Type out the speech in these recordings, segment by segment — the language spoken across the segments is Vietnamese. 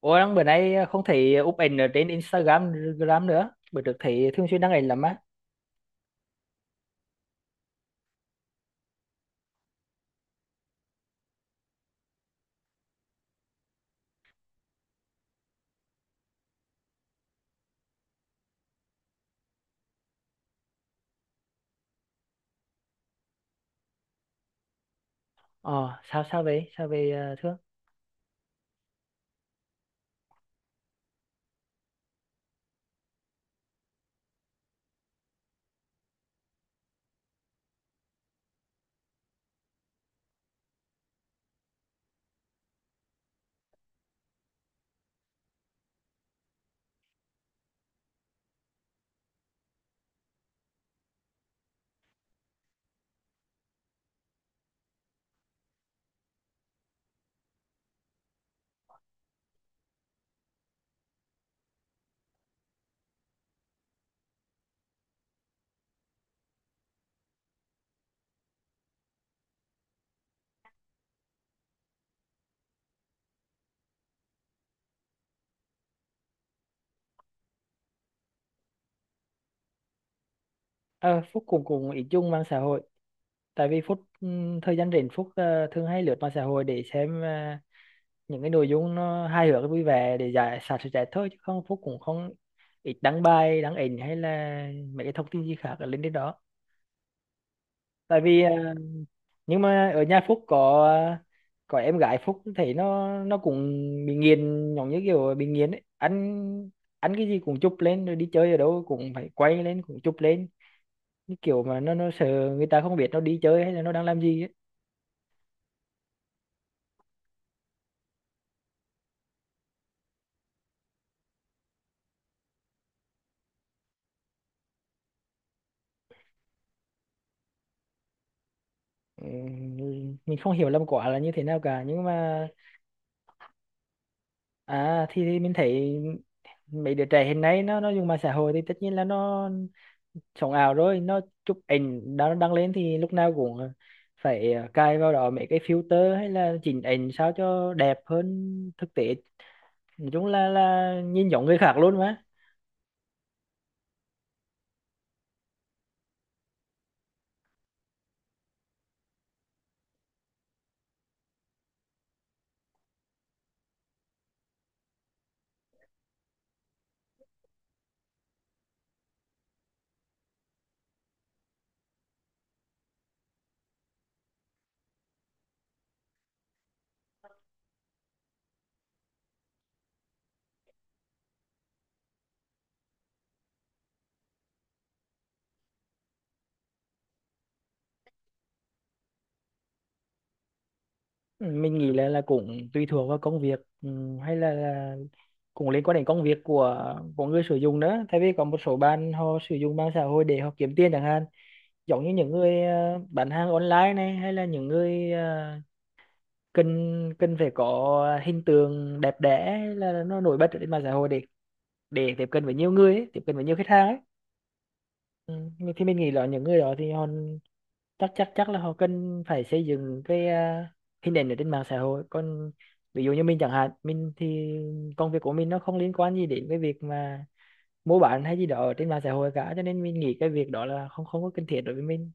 Ủa đang bữa nay không thấy úp ảnh ở trên Instagram Gram nữa. Bữa trước thấy thường xuyên đăng ảnh lắm á. Ờ, sao sao vậy? Sao về Thương? Ờ, Phúc cũng cùng ý chung mạng xã hội. Tại vì Phúc thời gian rảnh Phúc thường hay lướt mạng xã hội để xem những cái nội dung nó hài hước vui vẻ để giải xả stress thôi, chứ không Phúc cũng không ít đăng bài, đăng ảnh hay là mấy cái thông tin gì khác ở lên trên đó. Tại vì ờ, nhưng mà ở nhà Phúc có em gái Phúc thấy nó cũng bị nghiền, giống như kiểu bị nghiền ấy, ăn ăn cái gì cũng chụp lên, rồi đi chơi ở đâu cũng phải quay lên, cũng chụp lên, như kiểu mà nó sợ người ta không biết nó đi chơi hay là nó đang làm gì ấy. Ừ, mình không hiểu lắm quả là như thế nào cả, nhưng mà thì mình thấy mấy đứa trẻ hiện nay nó dùng mạng xã hội thì tất nhiên là nó sống ảo rồi, nó chụp ảnh đã đăng lên thì lúc nào cũng phải cài vào đó mấy cái filter hay là chỉnh ảnh sao cho đẹp hơn thực tế, nói chung là nhìn giống người khác luôn mà. Ừ, mình nghĩ là cũng tùy thuộc vào công việc, hay là cũng liên quan đến công việc của người sử dụng nữa, tại vì có một số bạn họ sử dụng mạng xã hội để họ kiếm tiền chẳng hạn, giống như những người bán hàng online này, hay là những người cần cần phải có hình tượng đẹp đẽ, là nó nổi bật ở trên mạng xã hội để tiếp cận với nhiều người ấy, tiếp cận với nhiều khách hàng ấy. Thì mình nghĩ là những người đó thì họ chắc chắc chắc là họ cần phải xây dựng cái hình ảnh ở trên mạng xã hội, còn ví dụ như mình chẳng hạn, mình thì công việc của mình nó không liên quan gì đến cái việc mà mua bán hay gì đó ở trên mạng xã hội cả, cho nên mình nghĩ cái việc đó là không không có cần thiết đối với mình.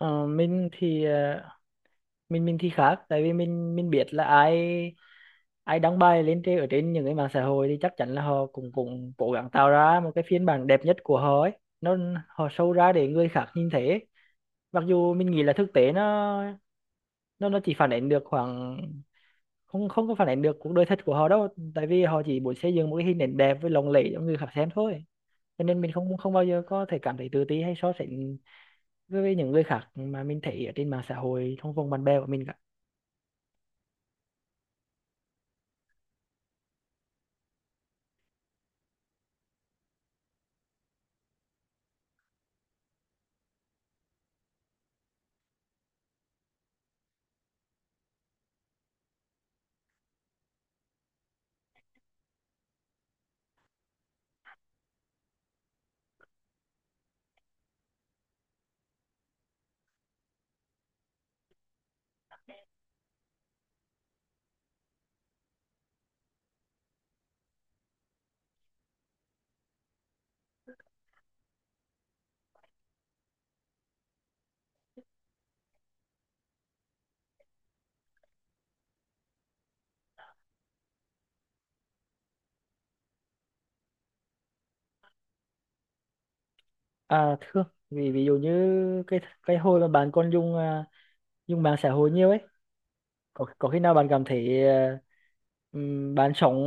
Ờ, mình thì mình thì khác, tại vì mình biết là ai ai đăng bài lên trên, ở trên những cái mạng xã hội, thì chắc chắn là họ cũng cũng cố gắng tạo ra một cái phiên bản đẹp nhất của họ ấy, nó họ show ra để người khác nhìn thấy ấy. Mặc dù mình nghĩ là thực tế nó chỉ phản ánh được khoảng, không không có phản ánh được cuộc đời thật của họ đâu, tại vì họ chỉ muốn xây dựng một cái hình ảnh đẹp với lộng lẫy cho người khác xem thôi, cho nên mình không không bao giờ có thể cảm thấy tự ti hay so sánh với những người khác mà mình thấy ở trên mạng xã hội trong vòng bạn bè của mình cả. À thưa Vì ví dụ như cái hồi mà bạn còn dùng dùng mạng xã hội nhiều ấy, có khi nào bạn cảm thấy ừm, bạn sống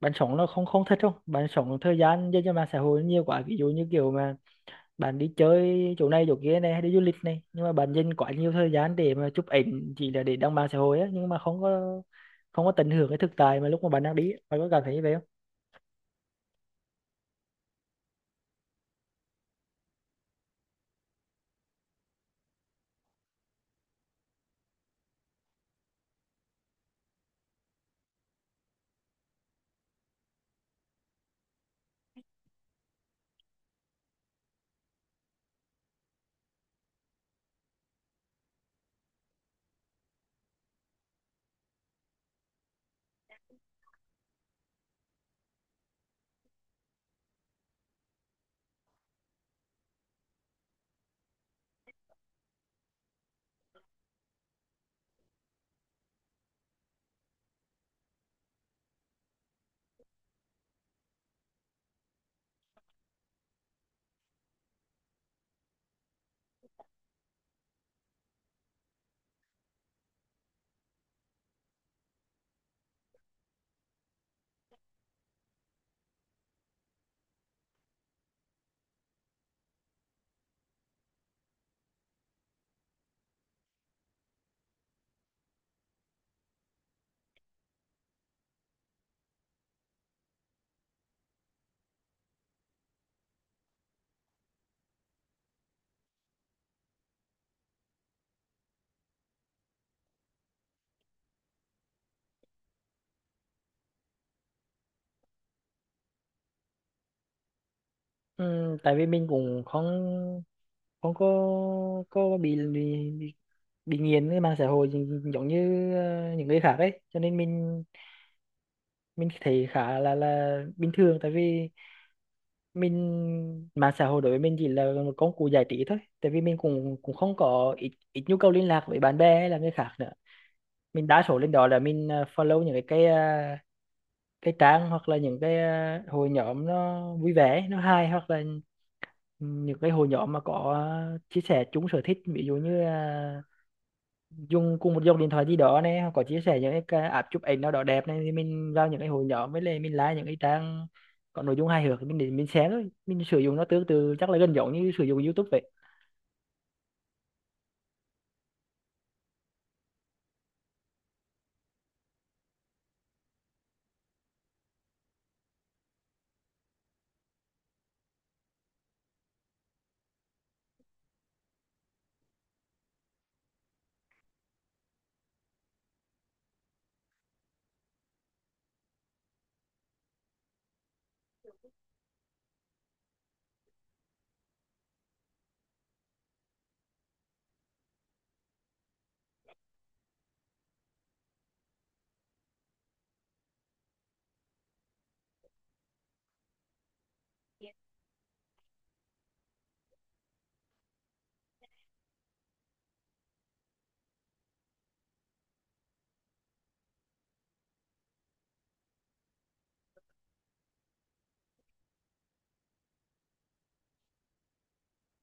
bạn sống nó không không thật không, bạn sống thời gian dành cho mạng xã hội nhiều quá, ví dụ như kiểu mà bạn đi chơi chỗ này chỗ kia này, hay đi du lịch này, nhưng mà bạn dành quá nhiều thời gian để mà chụp ảnh chỉ là để đăng mạng xã hội á, nhưng mà không có tận hưởng cái thực tại mà lúc mà bạn đang đi ấy. Bạn có cảm thấy như vậy? Ừ, tại vì mình cũng không không có bị bị nghiện cái mạng xã hội giống như những người khác ấy, cho nên mình thấy khá là bình thường, tại vì mình, mạng xã hội đối với mình chỉ là một công cụ giải trí thôi, tại vì mình cũng cũng không có ít ít nhu cầu liên lạc với bạn bè hay là người khác nữa. Mình đa số lên đó là mình follow những cái trang, hoặc là những hội nhóm nó vui vẻ nó hay, hoặc là những cái hội nhóm mà có chia sẻ chung sở thích, ví dụ như dùng cùng một dòng điện thoại gì đó này, hoặc có chia sẻ những app chụp ảnh nào đó đẹp này, thì mình vào những cái hội nhóm, với lại mình like những cái trang có nội dung hài hước thì mình để mình share thôi. Mình sử dụng nó tương tự chắc là gần giống như sử dụng YouTube vậy.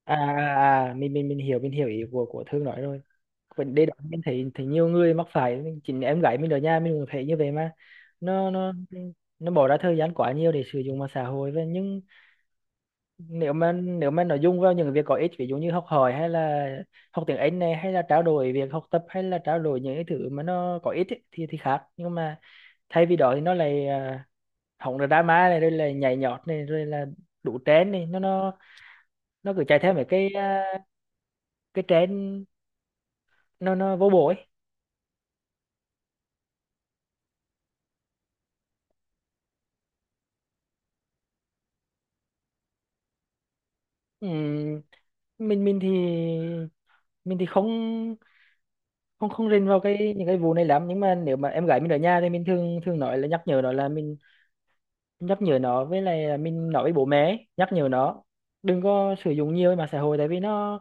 Mình hiểu, mình hiểu ý của Thương nói rồi. Vấn đề đó mình thấy thấy nhiều người mắc phải, mình chính em gái mình ở nhà mình cũng thấy như vậy mà. Nó nó nó bỏ ra thời gian quá nhiều để sử dụng mạng xã hội, và nhưng nếu mà nội dung vào những việc có ích, ví dụ như học hỏi hay là học tiếng Anh này, hay là trao đổi việc học tập, hay là trao đổi những cái thứ mà nó có ích ấy, thì khác. Nhưng mà thay vì đó thì nó lại hỏng rồi drama này, rồi là nhảy nhót này, rồi là đủ trend này, nó nó cứ chạy theo mấy cái cái trend, nó vô bổ ấy. Ừm, mình thì mình thì không không không rình vào những cái vụ này lắm, nhưng mà nếu mà em gái mình ở nhà thì mình thường thường nói là nhắc nhở nó, là mình nhắc nhở nó, với lại mình nói với bố mẹ ấy, nhắc nhở nó đừng có sử dụng nhiều mạng xã hội, tại vì nó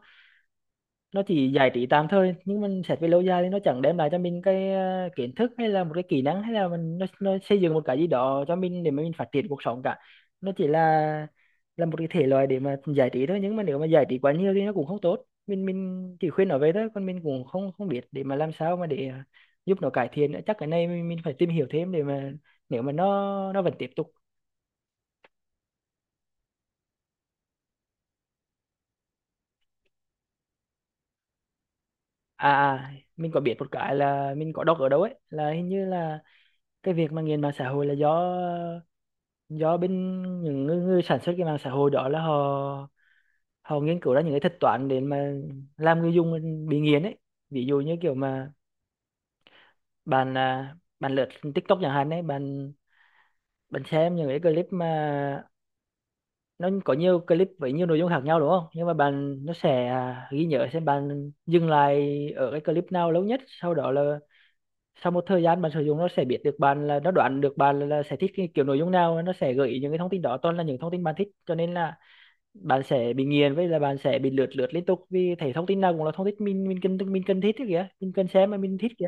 nó chỉ giải trí tạm thời, nhưng mình xét về lâu dài thì nó chẳng đem lại cho mình cái kiến thức, hay là một cái kỹ năng, hay là mình nó xây dựng một cái gì đó cho mình để mà mình phát triển cuộc sống cả. Nó chỉ là một cái thể loại để mà giải trí thôi, nhưng mà nếu mà giải trí quá nhiều thì nó cũng không tốt. Mình chỉ khuyên nó vậy thôi, còn mình cũng không không biết để mà làm sao mà để giúp nó cải thiện nữa. Chắc cái này mình phải tìm hiểu thêm để mà nếu mà nó vẫn tiếp tục. Mình có biết một cái là mình có đọc ở đâu ấy, là hình như là cái việc mà nghiện mạng xã hội là do bên những người sản xuất cái mạng xã hội đó, là họ họ nghiên cứu ra những cái thuật toán để mà làm người dùng bị nghiện ấy. Ví dụ như kiểu mà bạn bạn lướt TikTok chẳng hạn ấy, bạn bạn xem những cái clip mà nó có nhiều clip với nhiều nội dung khác nhau đúng không, nhưng mà bạn, nó sẽ ghi nhớ xem bạn dừng lại ở cái clip nào lâu nhất, sau đó là sau một thời gian bạn sử dụng, nó sẽ biết được bạn, là nó đoán được bạn là, sẽ thích cái kiểu nội dung nào, nó sẽ gợi ý những cái thông tin đó, toàn là những thông tin bạn thích, cho nên là bạn sẽ bị nghiền, với là bạn sẽ bị lướt lướt liên tục, vì thấy thông tin nào cũng là thông tin mình, mình cần thích ấy kìa, mình cần xem mà mình thích kìa.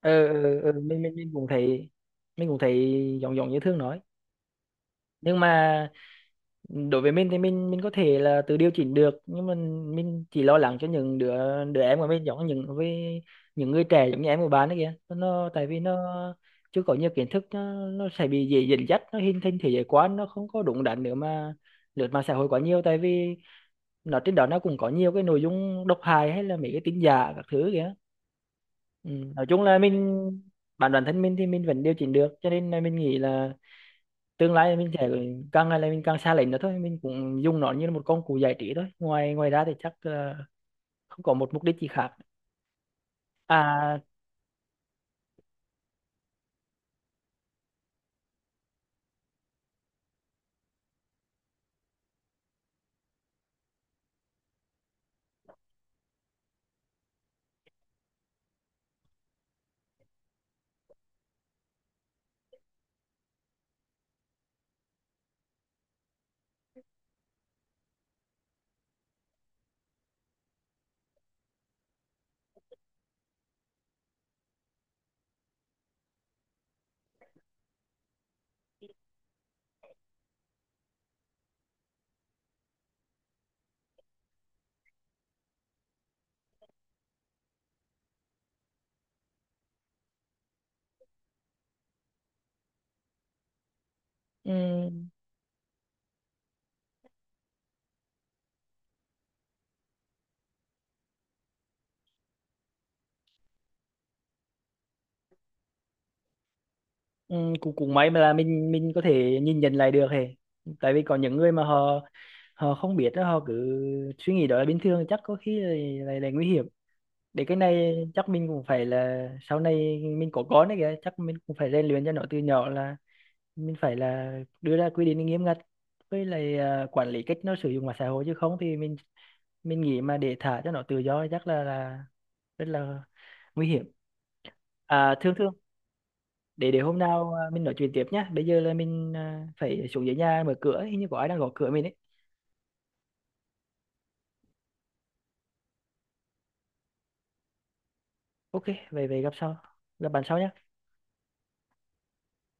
Mình cũng thấy, mình cũng thấy giống giống như Thương nói, nhưng mà đối với mình thì mình có thể là tự điều chỉnh được, nhưng mà mình chỉ lo lắng cho những đứa đứa em của mình, giống như những người trẻ giống như em của bạn ấy kìa, nó tại vì nó chưa có nhiều kiến thức, nó sẽ bị dễ dẫn dắt, nó hình thành thế giới quan nó không có đúng đắn nữa, mà lướt mạng xã hội quá nhiều, tại vì nó trên đó nó cũng có nhiều cái nội dung độc hại hay là mấy cái tin giả các thứ kìa. Ừ. Nói chung là mình, bản bản thân mình thì mình vẫn điều chỉnh được, cho nên là mình nghĩ là tương lai mình sẽ càng ngày là mình càng xa lệnh nữa thôi, mình cũng dùng nó như là một công cụ giải trí thôi, ngoài ngoài ra thì chắc không có một mục đích gì khác. À um, um, cũng cũng may mà là mình có thể nhìn nhận lại được hề, tại vì có những người mà họ họ không biết đó, họ cứ suy nghĩ đó là bình thường, chắc có khi là nguy hiểm. Để cái này chắc mình cũng phải là sau này mình có con đấy kìa, chắc mình cũng phải rèn luyện cho nó từ nhỏ, là mình phải là đưa ra quy định nghiêm ngặt, với lại quản lý cách nó sử dụng mạng xã hội, chứ không thì mình nghĩ mà để thả cho nó tự do chắc là rất là nguy hiểm. Thương, để hôm nào mình nói chuyện tiếp nhá, bây giờ là mình phải xuống dưới nhà mở cửa, hình như có ai đang gõ cửa mình ấy. Ok, về về gặp sau, gặp bạn sau nhá.